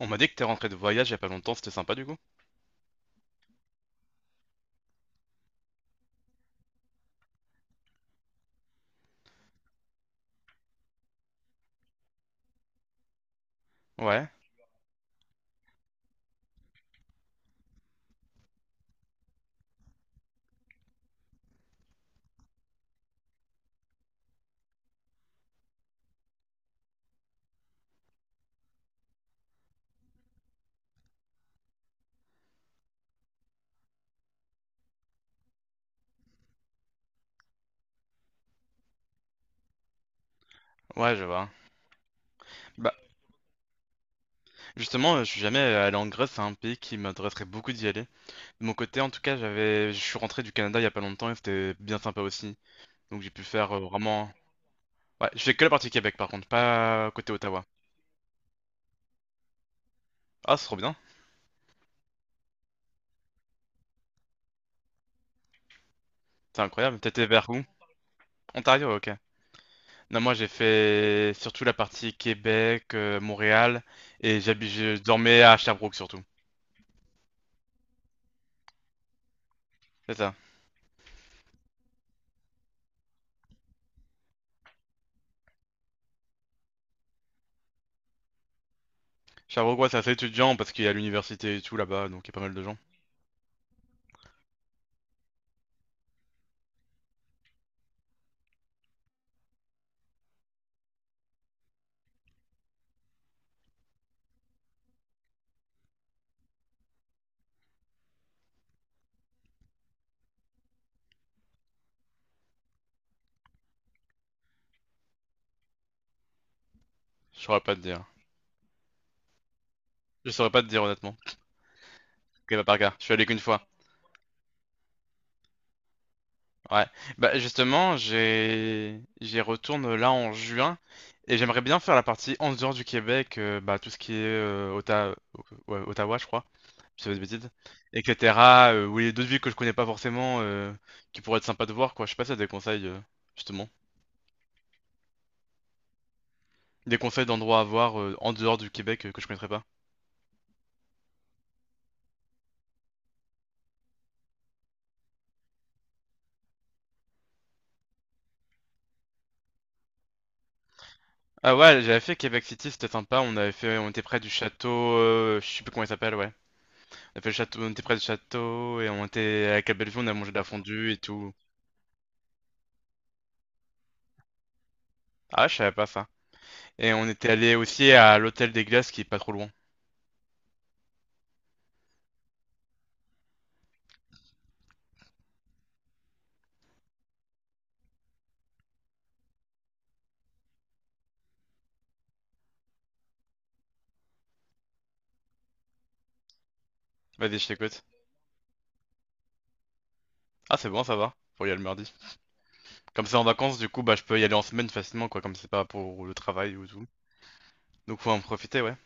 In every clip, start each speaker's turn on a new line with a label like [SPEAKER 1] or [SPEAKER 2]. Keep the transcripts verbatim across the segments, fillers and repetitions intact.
[SPEAKER 1] On m'a dit que t'es rentré de voyage il y a pas longtemps, c'était sympa du coup? Ouais, ouais, je vois. Bah, justement, euh, je suis jamais euh, allé en Grèce, c'est un pays qui m'intéresserait beaucoup d'y aller. De mon côté, en tout cas, j'avais, je suis rentré du Canada il y a pas longtemps et c'était bien sympa aussi. Donc j'ai pu faire euh, vraiment. Ouais, je fais que la partie Québec par contre, pas côté Ottawa. Ah, c'est trop bien, c'est incroyable. T'étais vers où? Ontario, ok. Non, moi j'ai fait surtout la partie Québec, euh, Montréal et j'habi- je dormais à Sherbrooke surtout. C'est ça. Sherbrooke, ouais, c'est assez étudiant parce qu'il y a l'université et tout là-bas, donc il y a pas mal de gens. Je saurais pas te dire. Je saurais pas te dire honnêtement. Cas par cas. Je suis allé qu'une fois. Ouais. Bah justement, j'ai j'y retourne là en juin et j'aimerais bien faire la partie en dehors du Québec, euh, bah tout ce qui est euh, Otta- ouais, Ottawa, je crois, je fais des bêtises, et cetera euh, ou les d'autres villes que je connais pas forcément, euh, qui pourraient être sympas de voir quoi. Je sais pas si t'as des conseils euh, justement, des conseils d'endroits à voir euh, en dehors du Québec euh, que je connaîtrais pas. Ah ouais, j'avais fait Québec City, c'était sympa. On avait fait, on était près du château, euh, je sais plus comment il s'appelle, ouais. On a fait le château, on était près du château et on était avec la belle on a mangé de la fondue et tout. Ah, je savais pas ça. Et on était allé aussi à l'hôtel des glaces qui est pas trop loin. Vas-y, je t'écoute. Ah, c'est bon, ça va. Pour y aller le mardi. Comme c'est en vacances, du coup, bah je peux y aller en semaine facilement, quoi, comme c'est pas pour le travail ou tout. Donc faut en profiter, ouais.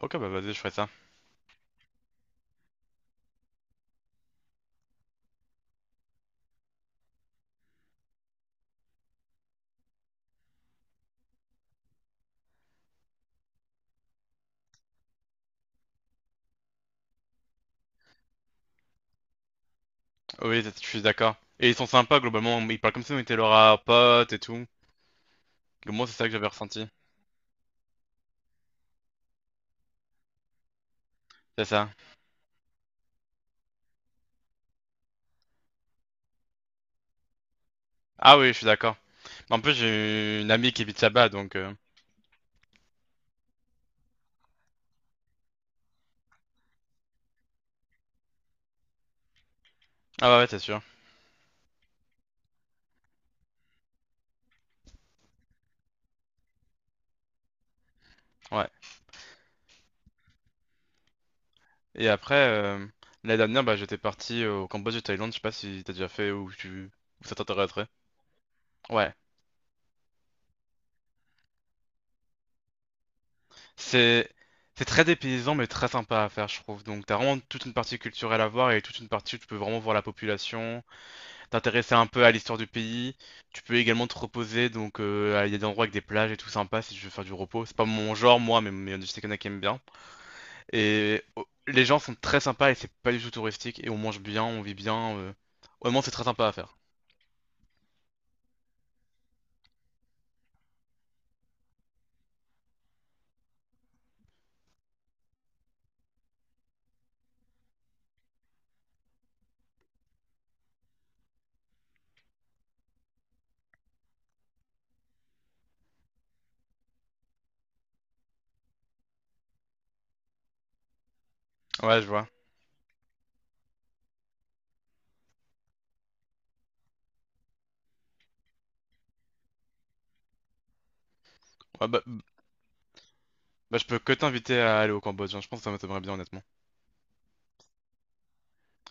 [SPEAKER 1] Ok, bah vas-y, je ferai ça. Oui, je suis d'accord. Et ils sont sympas, globalement. Ils parlent comme si on était leurs euh, potes et tout. Moi, c'est ça que j'avais ressenti. C'est ça. Ah oui, je suis d'accord. En plus, j'ai une amie qui habite là-bas, donc. euh, Ah bah ouais, c'est sûr. Ouais. Et après, euh, l'année dernière, bah, j'étais parti au Cambodge de Thaïlande. Je sais pas si t'as déjà fait ou tu... ou ça t'intéresserait. Ouais. C'est c'est très dépaysant, mais très sympa à faire, je trouve. Donc, t'as vraiment toute une partie culturelle à voir et toute une partie où tu peux vraiment voir la population, t'intéresser un peu à l'histoire du pays. Tu peux également te reposer. Donc, euh, il y a des endroits avec des plages et tout sympa si tu veux faire du repos. C'est pas mon genre, moi, mais, mais je sais qu'il y en a qui aiment bien. Et oh, les gens sont très sympas et c'est pas du tout touristique. Et on mange bien, on vit bien. euh. Vraiment, c'est très sympa à faire. Ouais, je vois. Ouais, bah, bah, je peux que t'inviter à aller au Cambodge, hein. Je pense que ça m'aimerait bien, honnêtement.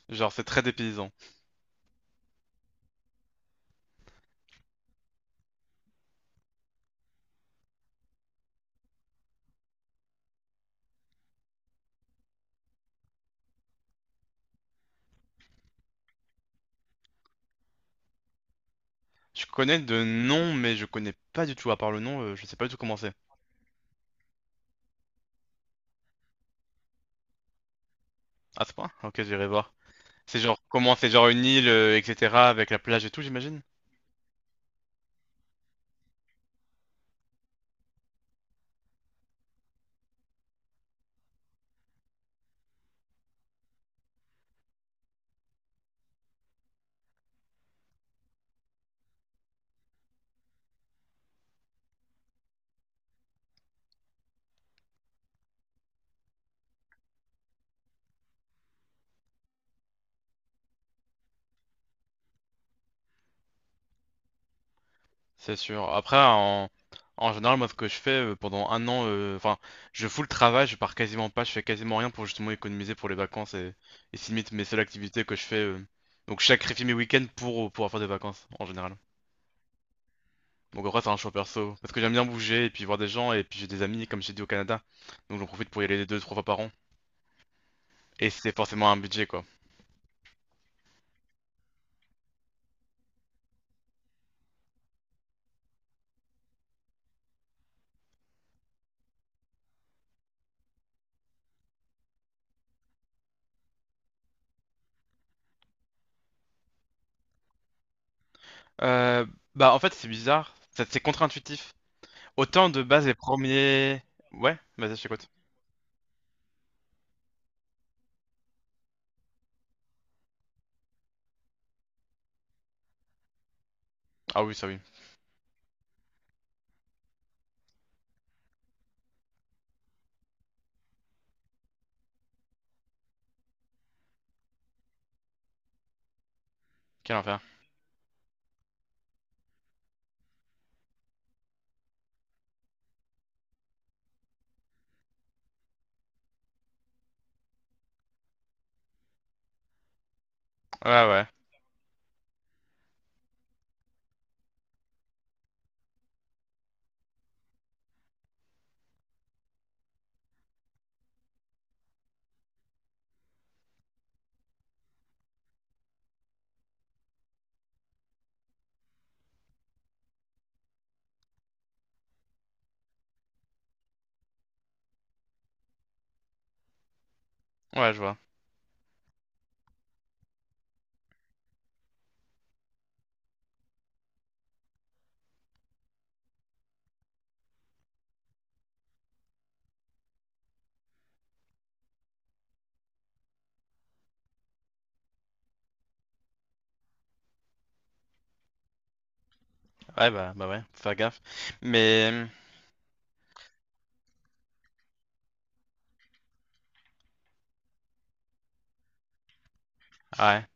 [SPEAKER 1] Genre, c'est très dépaysant. Je connais de nom, mais je connais pas du tout. À part le nom, euh, je sais pas du tout comment c'est. Ah, c'est pas? Ok, j'irai voir. C'est genre, comment c'est genre une île, euh, et cetera, avec la plage et tout, j'imagine? C'est sûr. Après, en, en général, moi, ce que je fais euh, pendant un an, euh, enfin, je fous le travail, je pars quasiment pas, je fais quasiment rien pour justement économiser pour les vacances et, et c'est limite mes seules activités que je fais. euh. Donc, je sacrifie mes week-ends pour euh, pouvoir faire des vacances en général. Donc, après, c'est un choix perso parce que j'aime bien bouger et puis voir des gens et puis j'ai des amis, comme j'ai dit au Canada. Donc, j'en profite pour y aller deux, trois fois par an et c'est forcément un budget quoi. Euh, bah, en fait, c'est bizarre, Ça- c'est contre-intuitif. Autant de base, les premiers. Ouais, vas-y, je t'écoute. Ah oui, ça oui, quel enfer. Ouais, ouais. Ouais, je vois. Ouais, bah, bah ouais, faut faire gaffe. Mais, ouais,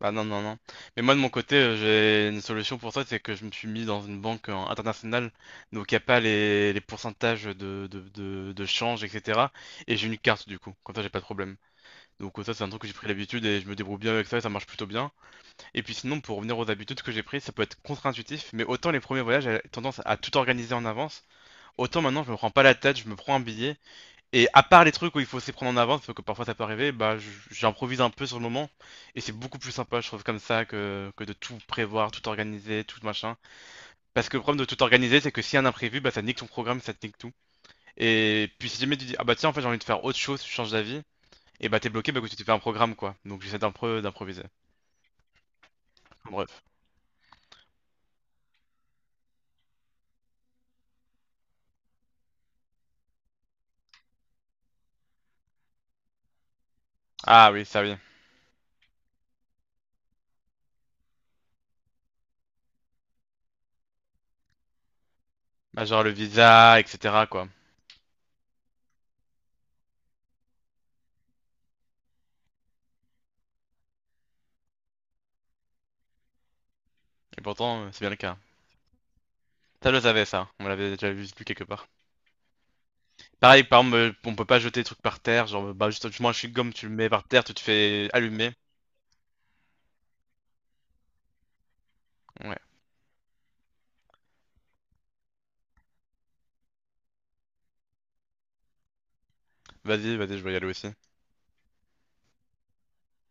[SPEAKER 1] bah non, non, non. Mais moi, de mon côté, euh, j'ai une solution pour toi, c'est que je me suis mis dans une banque euh, internationale, donc il n'y a pas les, les pourcentages de, de, de, de change, et cetera. Et j'ai une carte, du coup, comme ça, j'ai pas de problème. Donc ça, c'est un truc que j'ai pris l'habitude et je me débrouille bien avec ça et ça marche plutôt bien. Et puis sinon, pour revenir aux habitudes que j'ai prises, ça peut être contre-intuitif, mais autant les premiers voyages, j'avais tendance à tout organiser en avance, autant maintenant, je me prends pas la tête, je me prends un billet. Et à part les trucs où il faut s'y prendre en avance, parce que parfois ça peut arriver, bah j- j'improvise un peu sur le moment. Et c'est beaucoup plus sympa, je trouve, comme ça, que, que de tout prévoir, tout organiser, tout machin. Parce que le problème de tout organiser, c'est que s'il y a un imprévu, bah ça nique ton programme, ça te nique tout. Et puis si jamais tu dis, ah bah tiens, en fait j'ai envie de faire autre chose, tu changes d'avis, et bah t'es bloqué, bah que tu te fais un programme, quoi. Donc j'essaie d'un peu d'improviser. Bref. Ah oui, ça oui. Bah, genre le visa, et cetera, quoi. Et pourtant, euh, c'est bien le cas. Ça, je le savais, ça. On l'avait déjà vu quelque part. Pareil, par exemple, euh, on peut pas jeter des trucs par terre, genre, bah, justement, un chewing-gum, tu le mets par terre, tu te fais allumer. Ouais. Vas-y, vas-y, je vais y aller aussi.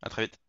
[SPEAKER 1] À très vite.